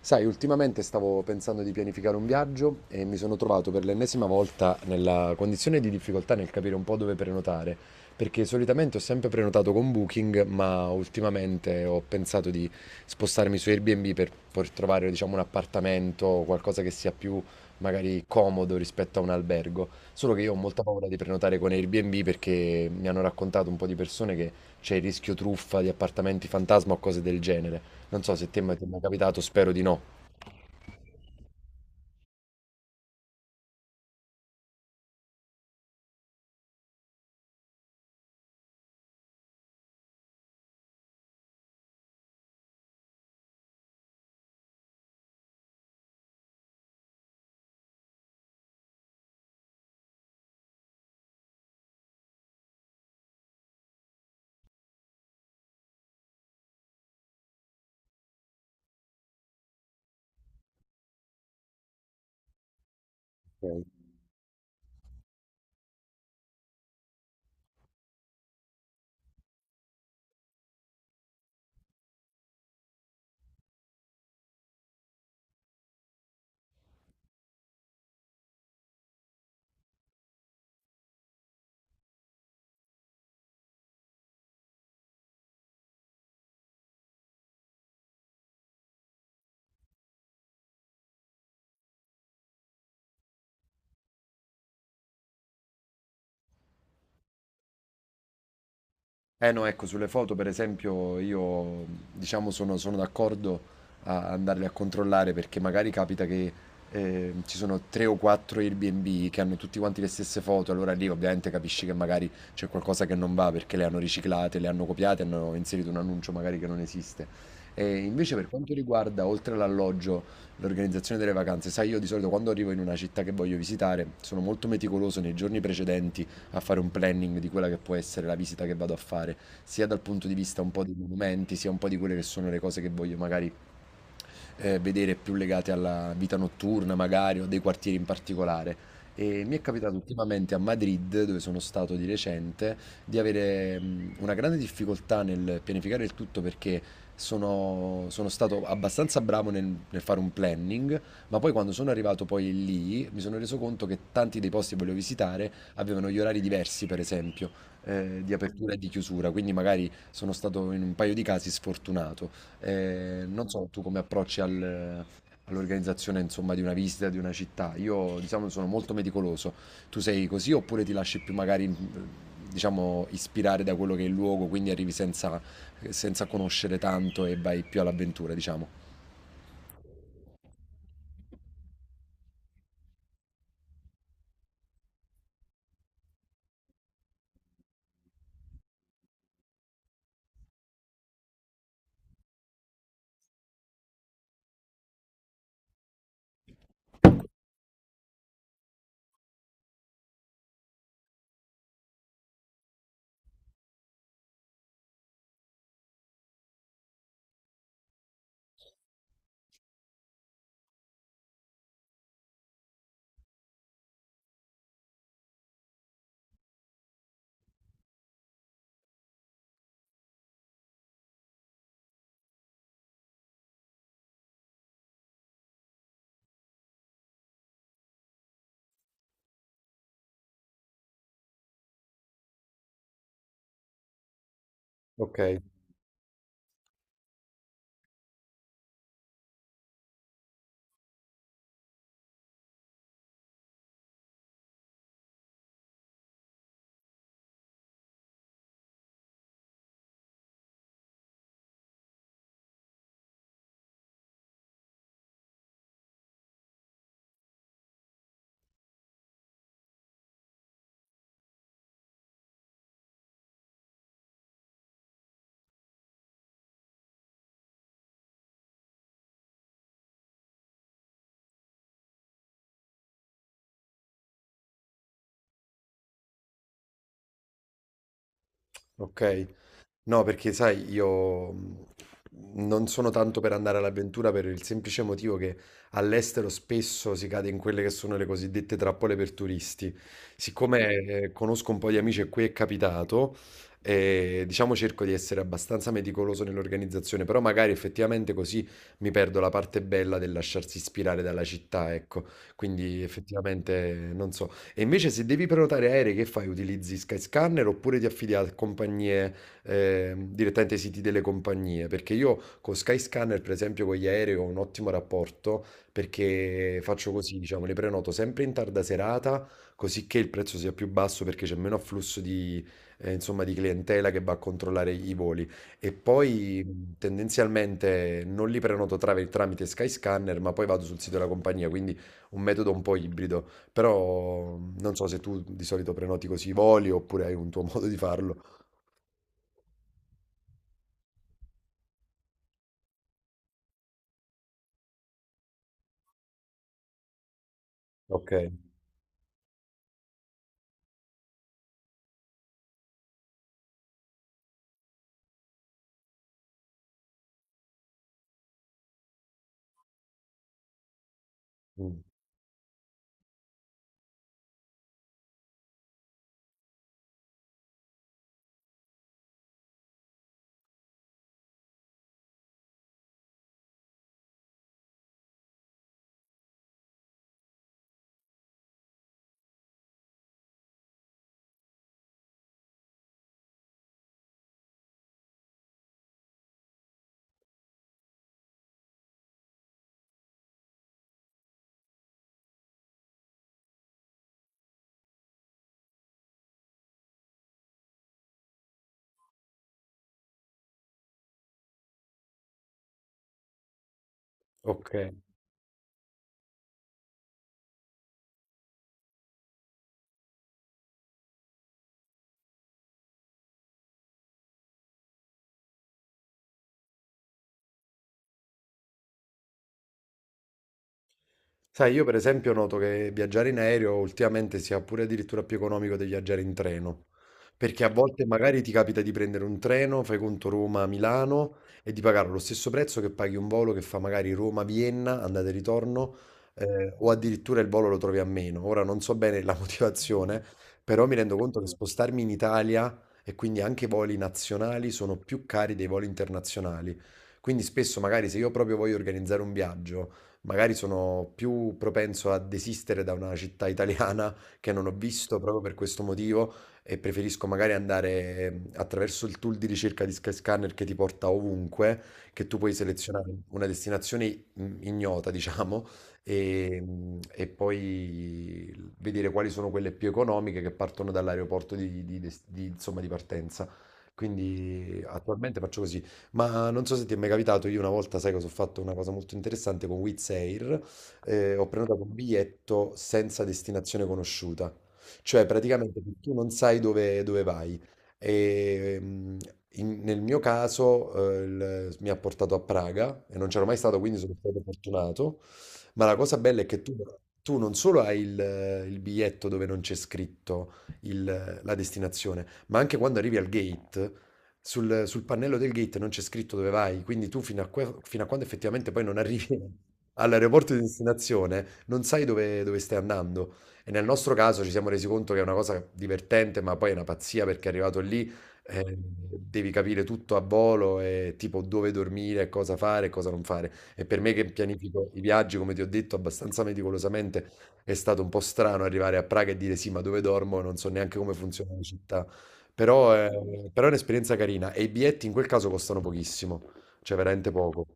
Sai, ultimamente stavo pensando di pianificare un viaggio e mi sono trovato per l'ennesima volta nella condizione di difficoltà nel capire un po' dove prenotare, perché solitamente ho sempre prenotato con Booking, ma ultimamente ho pensato di spostarmi su Airbnb per trovare, diciamo, un appartamento o qualcosa che sia più magari comodo rispetto a un albergo. Solo che io ho molta paura di prenotare con Airbnb perché mi hanno raccontato un po' di persone che c'è il rischio truffa di appartamenti fantasma o cose del genere. Non so se te mai- ti è mai capitato, spero di no. Ok. Eh no, ecco, sulle foto per esempio io diciamo sono d'accordo a andarle a controllare perché magari capita che ci sono tre o quattro Airbnb che hanno tutti quanti le stesse foto, allora lì ovviamente capisci che magari c'è qualcosa che non va perché le hanno riciclate, le hanno copiate, hanno inserito un annuncio magari che non esiste. E invece per quanto riguarda, oltre all'alloggio, l'organizzazione delle vacanze, sai, io di solito quando arrivo in una città che voglio visitare sono molto meticoloso nei giorni precedenti a fare un planning di quella che può essere la visita che vado a fare, sia dal punto di vista un po' dei monumenti, sia un po' di quelle che sono le cose che voglio magari vedere più legate alla vita notturna, magari, o dei quartieri in particolare. E mi è capitato ultimamente a Madrid, dove sono stato di recente, di avere una grande difficoltà nel pianificare il tutto perché sono stato abbastanza bravo nel fare un planning, ma poi quando sono arrivato poi lì mi sono reso conto che tanti dei posti che volevo visitare avevano gli orari diversi, per esempio, di apertura e di chiusura, quindi magari sono stato in un paio di casi sfortunato. Non so tu come approcci all'organizzazione, insomma, di una visita, di una città. Io, diciamo, sono molto meticoloso. Tu sei così oppure ti lasci più magari, diciamo, ispirare da quello che è il luogo, quindi arrivi senza conoscere tanto e vai più all'avventura, diciamo? Ok. No, perché sai, io non sono tanto per andare all'avventura per il semplice motivo che all'estero spesso si cade in quelle che sono le cosiddette trappole per turisti. Siccome conosco un po' di amici e qui è capitato, diciamo cerco di essere abbastanza meticoloso nell'organizzazione, però magari effettivamente così mi perdo la parte bella del lasciarsi ispirare dalla città, ecco. Quindi effettivamente non so. E invece se devi prenotare aerei, che fai? Utilizzi Skyscanner oppure ti affidi a compagnie? Direttamente ai siti delle compagnie, perché io con Skyscanner, per esempio, con gli aerei ho un ottimo rapporto perché faccio così, diciamo, le prenoto sempre in tarda serata, così che il prezzo sia più basso perché c'è meno afflusso di, insomma, di clientela che va a controllare i voli. E poi tendenzialmente non li prenoto tramite Skyscanner, ma poi vado sul sito della compagnia, quindi un metodo un po' ibrido. Però non so se tu di solito prenoti così i voli oppure hai un tuo modo di farlo. Ok. Mh, okay. Sai, io per esempio noto che viaggiare in aereo ultimamente sia pure addirittura più economico di viaggiare in treno, perché a volte magari ti capita di prendere un treno, fai conto Roma-Milano e di pagare lo stesso prezzo che paghi un volo che fa magari Roma-Vienna, andata e ritorno, o addirittura il volo lo trovi a meno. Ora non so bene la motivazione, però mi rendo conto che spostarmi in Italia e quindi anche i voli nazionali sono più cari dei voli internazionali. Quindi spesso magari se io proprio voglio organizzare un viaggio magari sono più propenso a desistere da una città italiana che non ho visto proprio per questo motivo e preferisco magari andare attraverso il tool di ricerca di Skyscanner che ti porta ovunque, che tu puoi selezionare una destinazione ignota, diciamo, e poi vedere quali sono quelle più economiche che partono dall'aeroporto di, insomma, di partenza. Quindi attualmente faccio così. Ma non so se ti è mai capitato, io una volta, sai cosa ho fatto? Una cosa molto interessante con Wizz Air. Ho prenotato un biglietto senza destinazione conosciuta, cioè praticamente tu non sai dove vai. E nel mio caso, mi ha portato a Praga e non c'ero mai stato, quindi sono stato fortunato. Ma la cosa bella è che tu tu non solo hai il biglietto dove non c'è scritto la destinazione, ma anche quando arrivi al gate sul pannello del gate non c'è scritto dove vai, quindi tu fino a quando effettivamente poi non arrivi all'aeroporto di destinazione non sai dove stai andando. E nel nostro caso ci siamo resi conto che è una cosa divertente, ma poi è una pazzia perché arrivato lì devi capire tutto a volo e tipo dove dormire, cosa fare e cosa non fare. E per me che pianifico i viaggi, come ti ho detto, abbastanza meticolosamente, è stato un po' strano arrivare a Praga e dire sì, ma dove dormo? Non so neanche come funziona la città. Però è, però è un'esperienza carina e i biglietti in quel caso costano pochissimo, cioè veramente poco.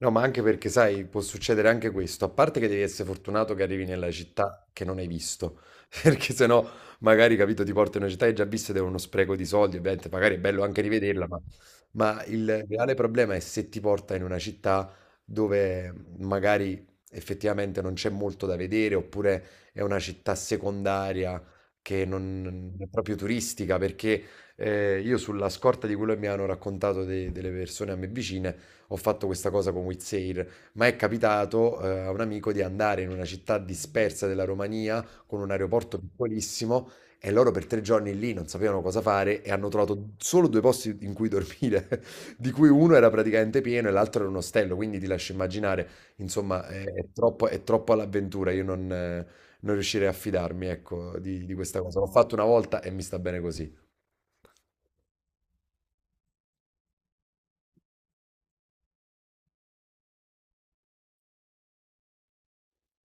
No, ma anche perché, sai, può succedere anche questo. A parte che devi essere fortunato che arrivi nella città che non hai visto, perché sennò magari, capito, ti porti in una città che hai già visto ed è uno spreco di soldi, ovviamente, magari è bello anche rivederla, ma il reale problema è se ti porta in una città dove magari effettivamente non c'è molto da vedere, oppure è una città secondaria che non è proprio turistica, perché io sulla scorta di quello che mi hanno raccontato delle persone a me vicine, ho fatto questa cosa con Wizzair, ma è capitato a un amico di andare in una città dispersa della Romania con un aeroporto piccolissimo e loro per 3 giorni lì non sapevano cosa fare e hanno trovato solo due posti in cui dormire, di cui uno era praticamente pieno e l'altro era un ostello, quindi ti lascio immaginare, insomma, è è troppo all'avventura, io non riuscirei a fidarmi, ecco, di questa cosa. L'ho fatto una volta e mi sta bene così.